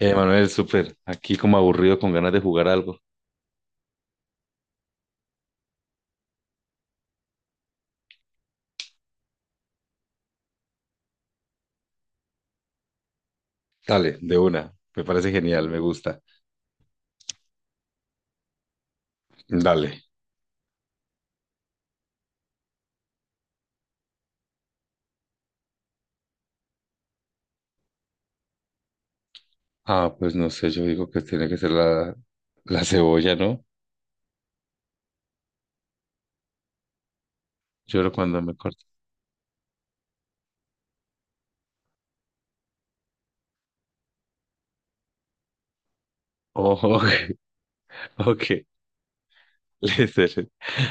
Manuel, súper. Aquí como aburrido con ganas de jugar algo. Dale, de una. Me parece genial, me gusta. Dale. Ah, pues no sé, yo digo que tiene que ser la cebolla, ¿no? Lloro cuando me corto. Oh, ok, ok. Listo.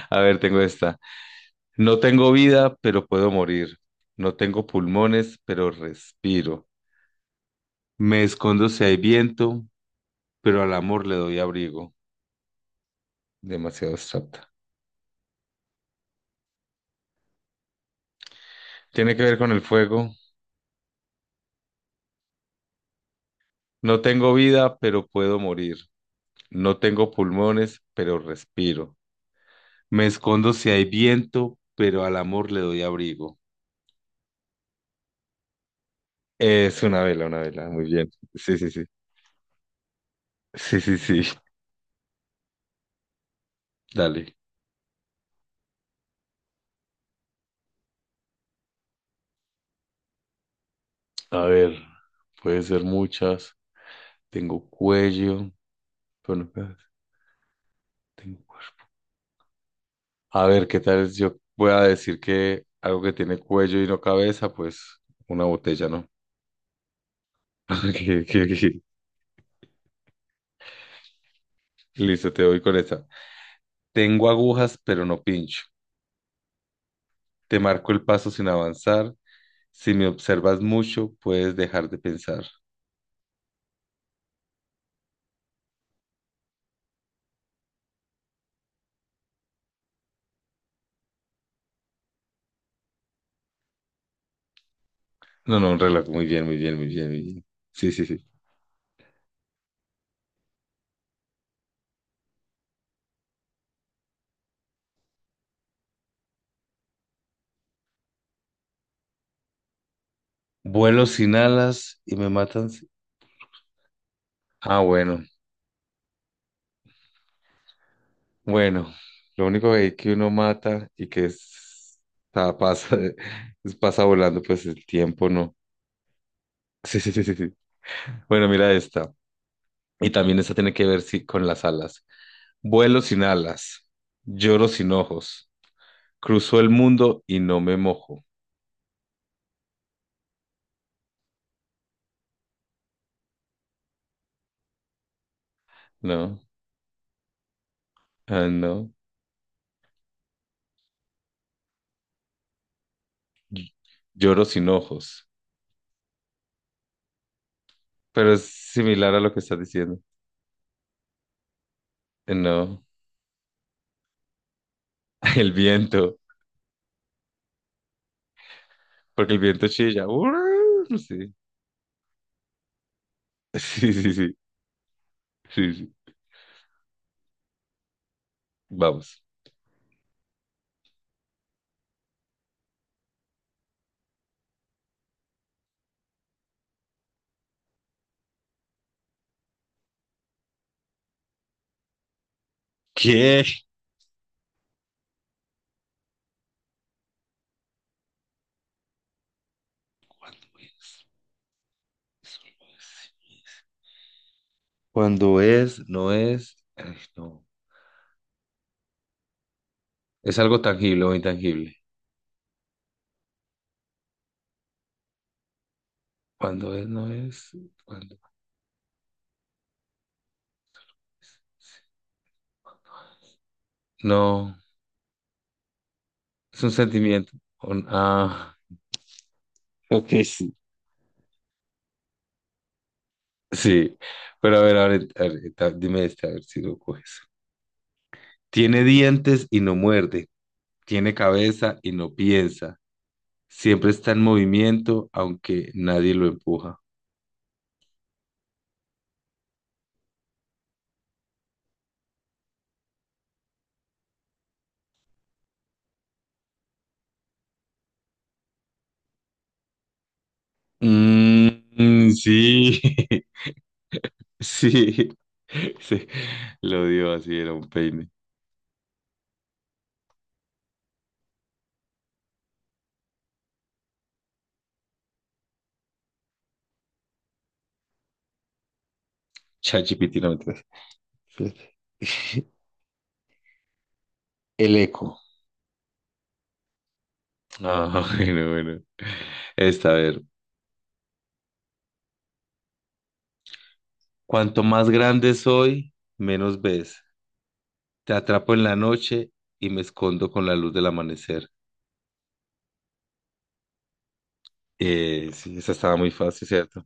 A ver, tengo esta. No tengo vida, pero puedo morir. No tengo pulmones, pero respiro. Me escondo si hay viento, pero al amor le doy abrigo. Demasiado abstracta. Tiene que ver con el fuego. No tengo vida, pero puedo morir. No tengo pulmones, pero respiro. Me escondo si hay viento, pero al amor le doy abrigo. Es una vela, una vela. Muy bien. Sí, sí, sí. Sí, sí, sí. Dale. A ver, puede ser muchas. Tengo cuello, pero no cabeza. Tengo cue- A ver, ¿qué tal es? Yo voy a decir que algo que tiene cuello y no cabeza. Pues una botella, ¿no? Ok, ok, ok. Listo, te voy con esa. Tengo agujas, pero no pincho. Te marco el paso sin avanzar. Si me observas mucho, puedes dejar de pensar. No, no, un reloj. Muy bien, muy bien, muy bien, muy bien. Sí, sí, sí. Vuelo sin alas y me matan. Si- Ah, bueno, bueno. Lo único que uno mata y que ah, pasa, es pasa volando, pues el tiempo no. Sí, sí, sí, sí, sí. Bueno, mira esta. Y también esta tiene que ver sí, con las alas. Vuelo sin alas, lloro sin ojos, cruzo el mundo y no me mojo. No, ah, no. Lloro sin ojos, pero es similar a lo que estás diciendo. No, el viento, porque el viento chilla. Sí, sí, sí, sí, sí, sí. Vamos. ¿Qué? ¿Cuándo es? Eso no es. Cuando es, no es, ay, no. Es algo tangible o intangible. Cuando es, no es. Cuando... No, es un sentimiento. Un- ah, ok, sí. Sí, pero a ver, a ver, a ver, dime este, a ver si lo coges. Tiene dientes y no muerde. Tiene cabeza y no piensa. Siempre está en movimiento, aunque nadie lo empuja. Mm, sí, sí, sí. Lo dio así, era un peine. ChatGPT, no mentiras. Espérate. El eco. Ah, bueno, bueno. Esta, a ver. Cuanto más grande soy, menos ves. Te atrapo en la noche y me escondo con la luz del amanecer. Sí, esa estaba muy fácil, ¿cierto?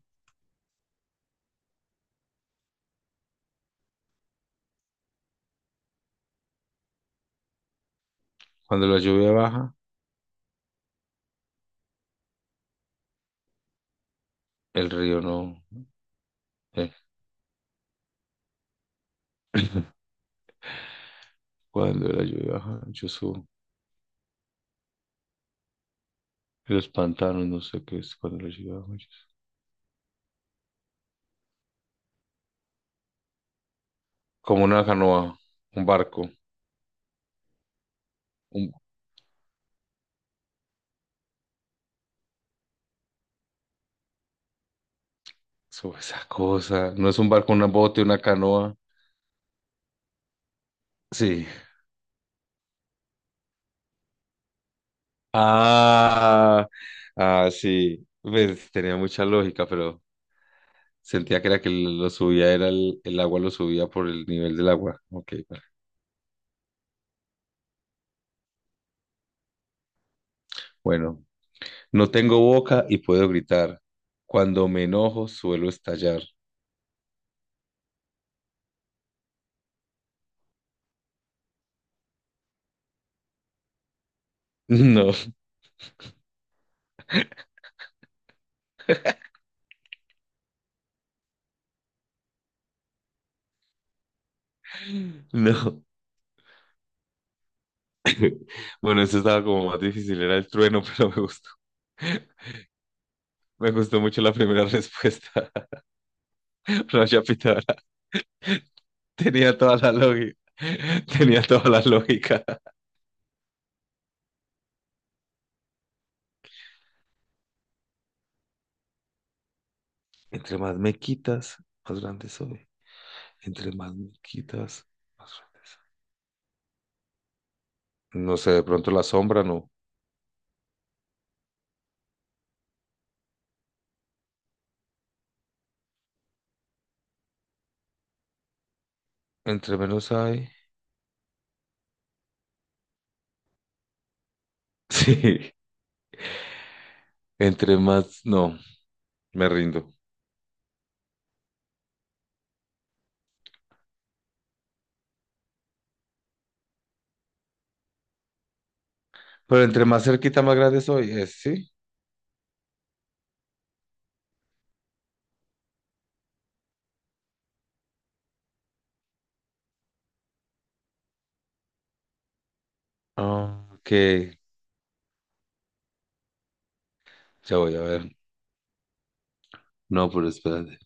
Cuando la lluvia baja, el río no. eh, Cuando la lluvia baja, yo subo. Los pantanos, no sé qué es cuando la lluvia baja, yo subo. Como una canoa, un barco. Un... Eso, esa cosa. No es un barco, una bote, una canoa. Sí. Ah, ah, sí. Pues, tenía mucha lógica, pero sentía que era que lo subía, era el agua lo subía por el nivel del agua. Ok, vale. Bueno. No tengo boca y puedo gritar. Cuando me enojo, suelo estallar. No, no. Bueno, esto estaba como más difícil, era el trueno, pero me gustó. Me gustó mucho la primera respuesta. Raya Pitadora tenía toda la lógica. Tenía toda la lógica. Entre más me quitas, más grande soy. Entre más me quitas, más grande soy. No sé, de pronto la sombra, no. Entre menos hay. Sí, entre más, no, me rindo. Pero entre más cerquita, más grande soy, es, ¿sí? Ah, ok, ya voy a ver. No, pero espérate.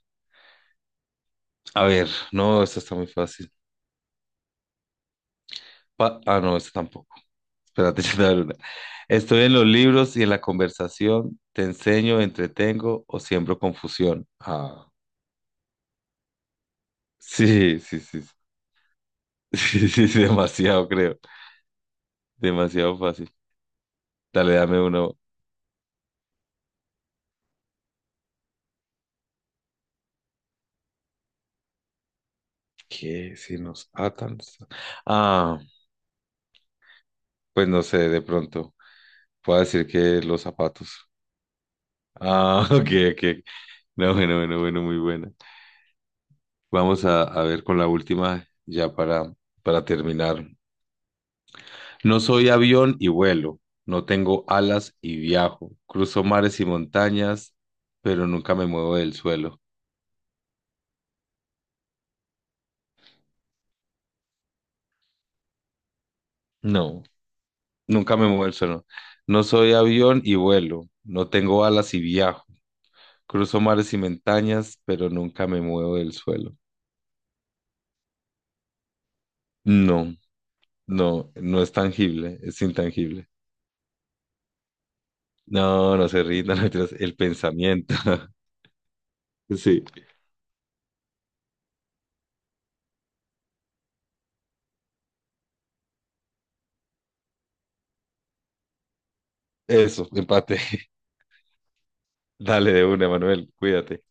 A ver, no, esto está muy fácil. No, eso tampoco. Espérate, yo te voy a dar una. Estoy en los libros y en la conversación. Te enseño, entretengo o siembro confusión. Ah, sí, sí, sí. Sí, sí, sí, demasiado, creo. Demasiado fácil. Dale, dame uno. ¿Qué? Si nos atan. Ah, pues no sé, de pronto. Puedo decir que los zapatos. Ah, ok, ok. No, bueno, bueno, bueno, muy buena. Vamos a ver con la última ya para terminar. No soy avión y vuelo, no tengo alas y viajo, cruzo mares y montañas, pero nunca me muevo del suelo. No, nunca me muevo del suelo. No soy avión y vuelo, no tengo alas y viajo, cruzo mares y montañas, pero nunca me muevo del suelo. No, no, no es tangible, es intangible. No, no se rindan, no, mentiras, el pensamiento. Sí, eso, empate. Dale de una, Manuel, cuídate.